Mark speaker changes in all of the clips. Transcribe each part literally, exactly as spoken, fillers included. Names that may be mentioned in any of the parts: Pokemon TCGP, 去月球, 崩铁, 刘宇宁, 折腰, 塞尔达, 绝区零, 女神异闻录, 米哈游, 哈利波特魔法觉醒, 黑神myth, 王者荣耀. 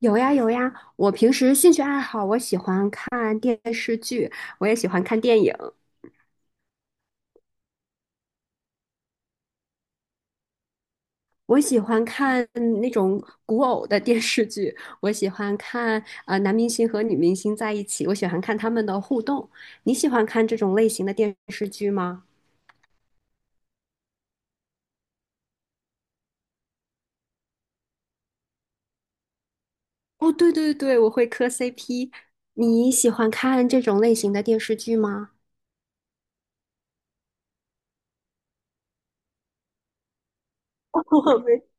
Speaker 1: 有呀有呀，我平时兴趣爱好，我喜欢看电视剧，我也喜欢看电影。我喜欢看嗯那种古偶的电视剧，我喜欢看呃男明星和女明星在一起，我喜欢看他们的互动。你喜欢看这种类型的电视剧吗？哦，对对对，我会磕 C P。你喜欢看这种类型的电视剧吗？我没。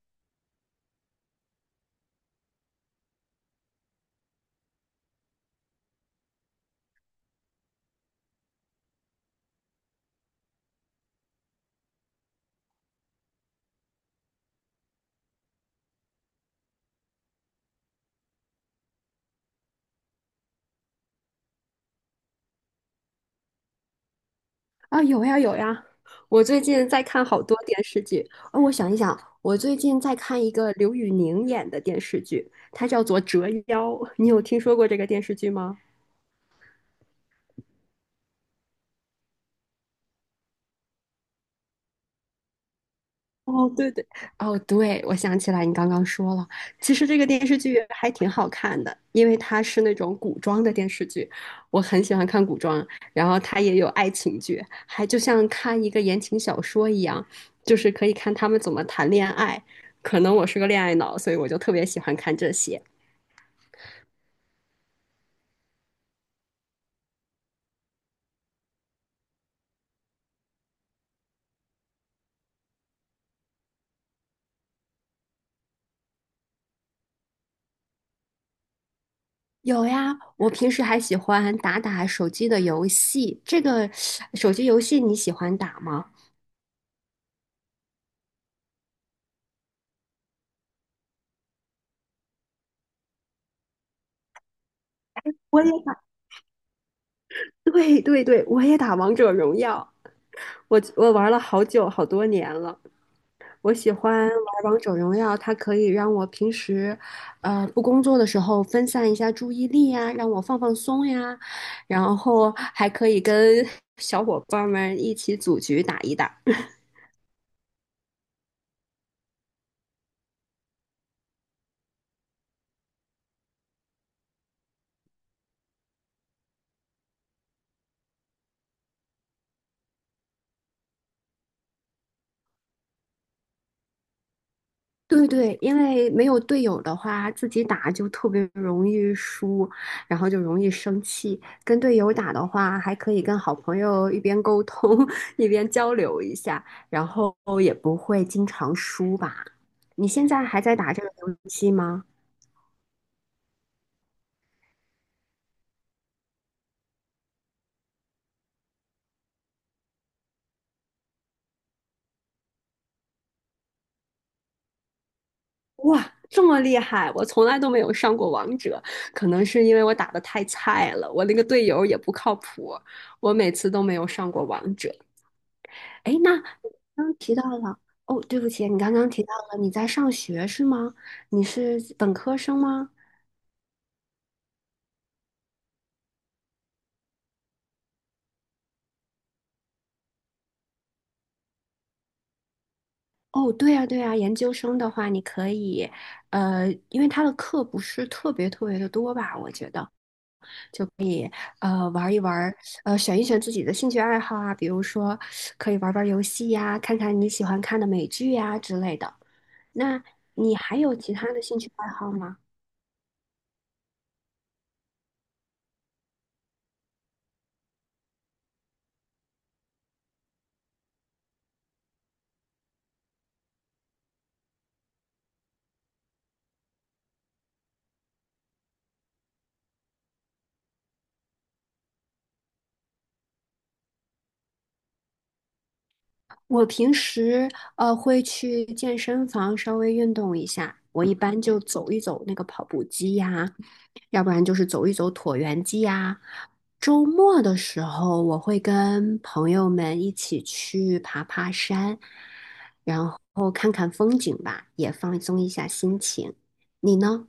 Speaker 1: 啊，有呀有呀，我最近在看好多电视剧。哦，我想一想，我最近在看一个刘宇宁演的电视剧，它叫做《折腰》，你有听说过这个电视剧吗？哦，对对，哦，对，我想起来你刚刚说了。其实这个电视剧还挺好看的，因为它是那种古装的电视剧，我很喜欢看古装，然后它也有爱情剧，还就像看一个言情小说一样，就是可以看他们怎么谈恋爱。可能我是个恋爱脑，所以我就特别喜欢看这些。有呀，我平时还喜欢打打手机的游戏，这个手机游戏你喜欢打吗？我也打，对对对，我也打王者荣耀。我我玩了好久好多年了，我喜欢玩王者荣耀，它可以让我平时呃，不工作的时候分散一下注意力呀，让我放放松呀，然后还可以跟 小伙伴们一起组局打一打。对对，因为没有队友的话，自己打就特别容易输，然后就容易生气。跟队友打的话，还可以跟好朋友一边沟通 一边交流一下，然后也不会经常输吧。你现在还在打这个游戏吗？哇，这么厉害！我从来都没有上过王者，可能是因为我打的太菜了，我那个队友也不靠谱，我每次都没有上过王者。哎，那你刚刚提到了，哦，对不起，你刚刚提到了你在上学是吗？你是本科生吗？哦，对呀，对呀，研究生的话，你可以呃，因为他的课不是特别特别的多吧，我觉得呃，玩一玩儿呃，选一选自己的兴趣爱好啊，比如说可以玩玩游戏呀，看看你喜欢看的美剧呀之类的。那你还有其他的兴趣爱好吗？我平时呃会去健身房稍微运动一下，我一般就走一走那个跑步机呀，要不然就是走一走椭圆机呀。周末的时候，我会跟朋友们一起去爬爬山，然后看看风景吧，也放松一下心情。你呢？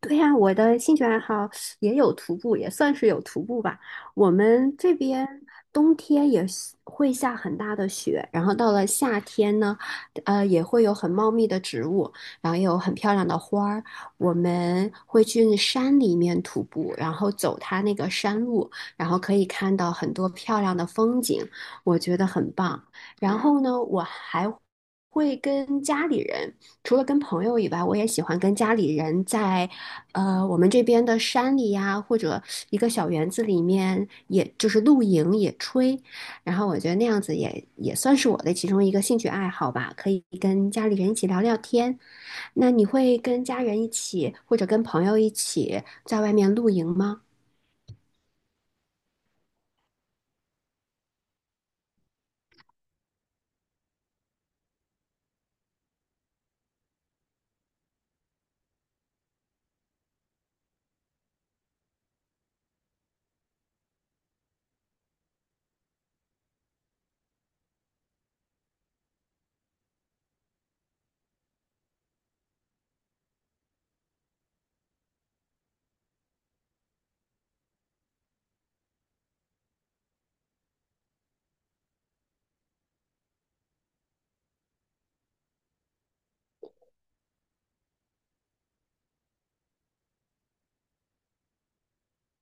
Speaker 1: 对呀，我的兴趣爱好也有徒步，也算是有徒步吧。我们这边冬天也是会下很大的雪，然后到了夏天呢呃，也会有很茂密的植物，然后也有很漂亮的花儿。我们会去山里面徒步，然后走它那个山路，然后可以看到很多漂亮的风景，我觉得很棒。然后呢，我还会跟家里人，除了跟朋友以外，我也喜欢跟家里人在呃，我们这边的山里呀，或者一个小园子里面，也就是露营、野炊。然后我觉得那样子也也算是我的其中一个兴趣爱好吧，可以跟家里人一起聊聊天。那你会跟家人一起，或者跟朋友一起在外面露营吗？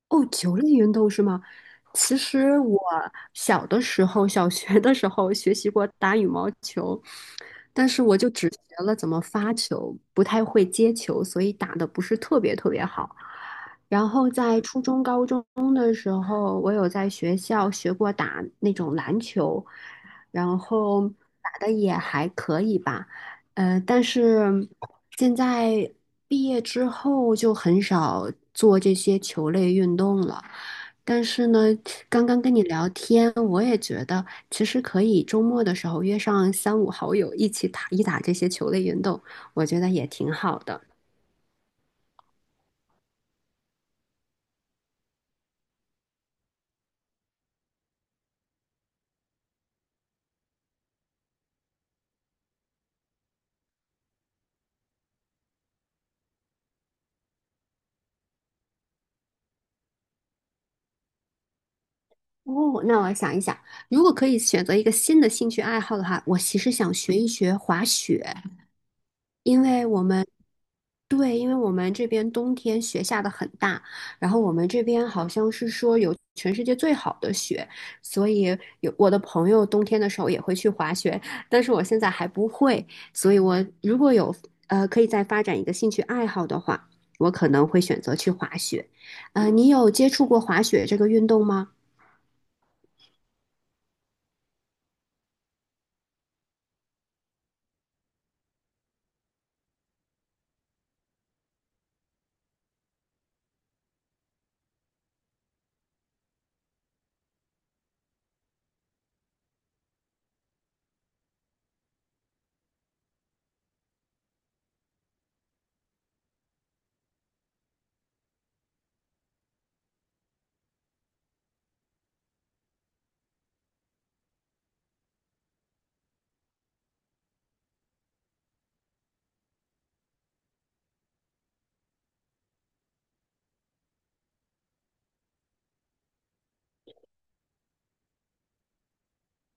Speaker 1: 哦，球类运动是吗？其实我小的时候，小学的时候学习过打羽毛球，但是我就只学了怎么发球，不太会接球，所以打的不是特别特别好。然后在初中、高中的时候，我有在学校学过打那种篮球，然后打的也还可以吧。呃，但是现在毕业之后就很少做这些球类运动了。但是呢，刚刚跟你聊天，我也觉得其实可以周末的时候约上三五好友一起打一打这些球类运动，我觉得也挺好的。哦，那我想一想，如果可以选择一个新的兴趣爱好的话，我其实想学一学滑雪。因为我们对，因为我们这边冬天雪下的很大，然后我们这边好像是说有全世界最好的雪，所以有我的朋友冬天的时候也会去滑雪，但是我现在还不会，所以我如果有呃可以再发展一个兴趣爱好的话，我可能会选择去滑雪。呃，你有接触过滑雪这个运动吗？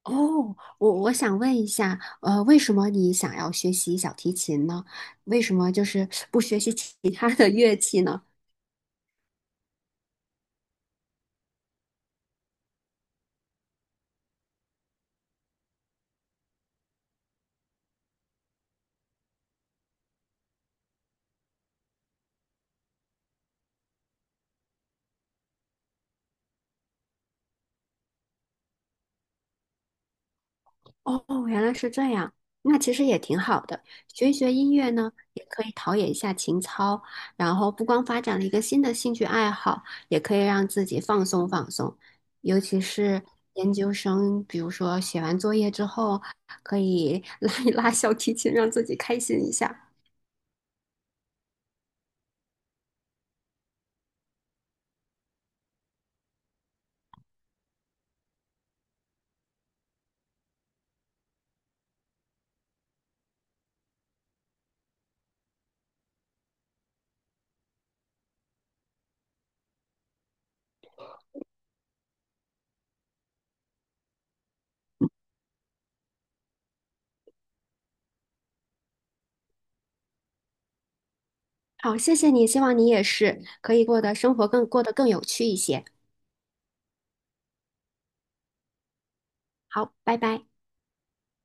Speaker 1: 哦，我我想问一下呃，为什么你想要学习小提琴呢？为什么就是不学习其 他的乐器呢？哦，原来是这样，那其实也挺好的，学一学音乐呢，也可以陶冶一下情操，然后不光发展了一个新的兴趣爱好，也可以让自己放松放松。尤其是研究生，比如说写完作业之后，可以 拉一拉小提琴，让自己开心一下。好，谢谢你，希望你也是可以过得生活更过得更有趣一些。好，拜拜。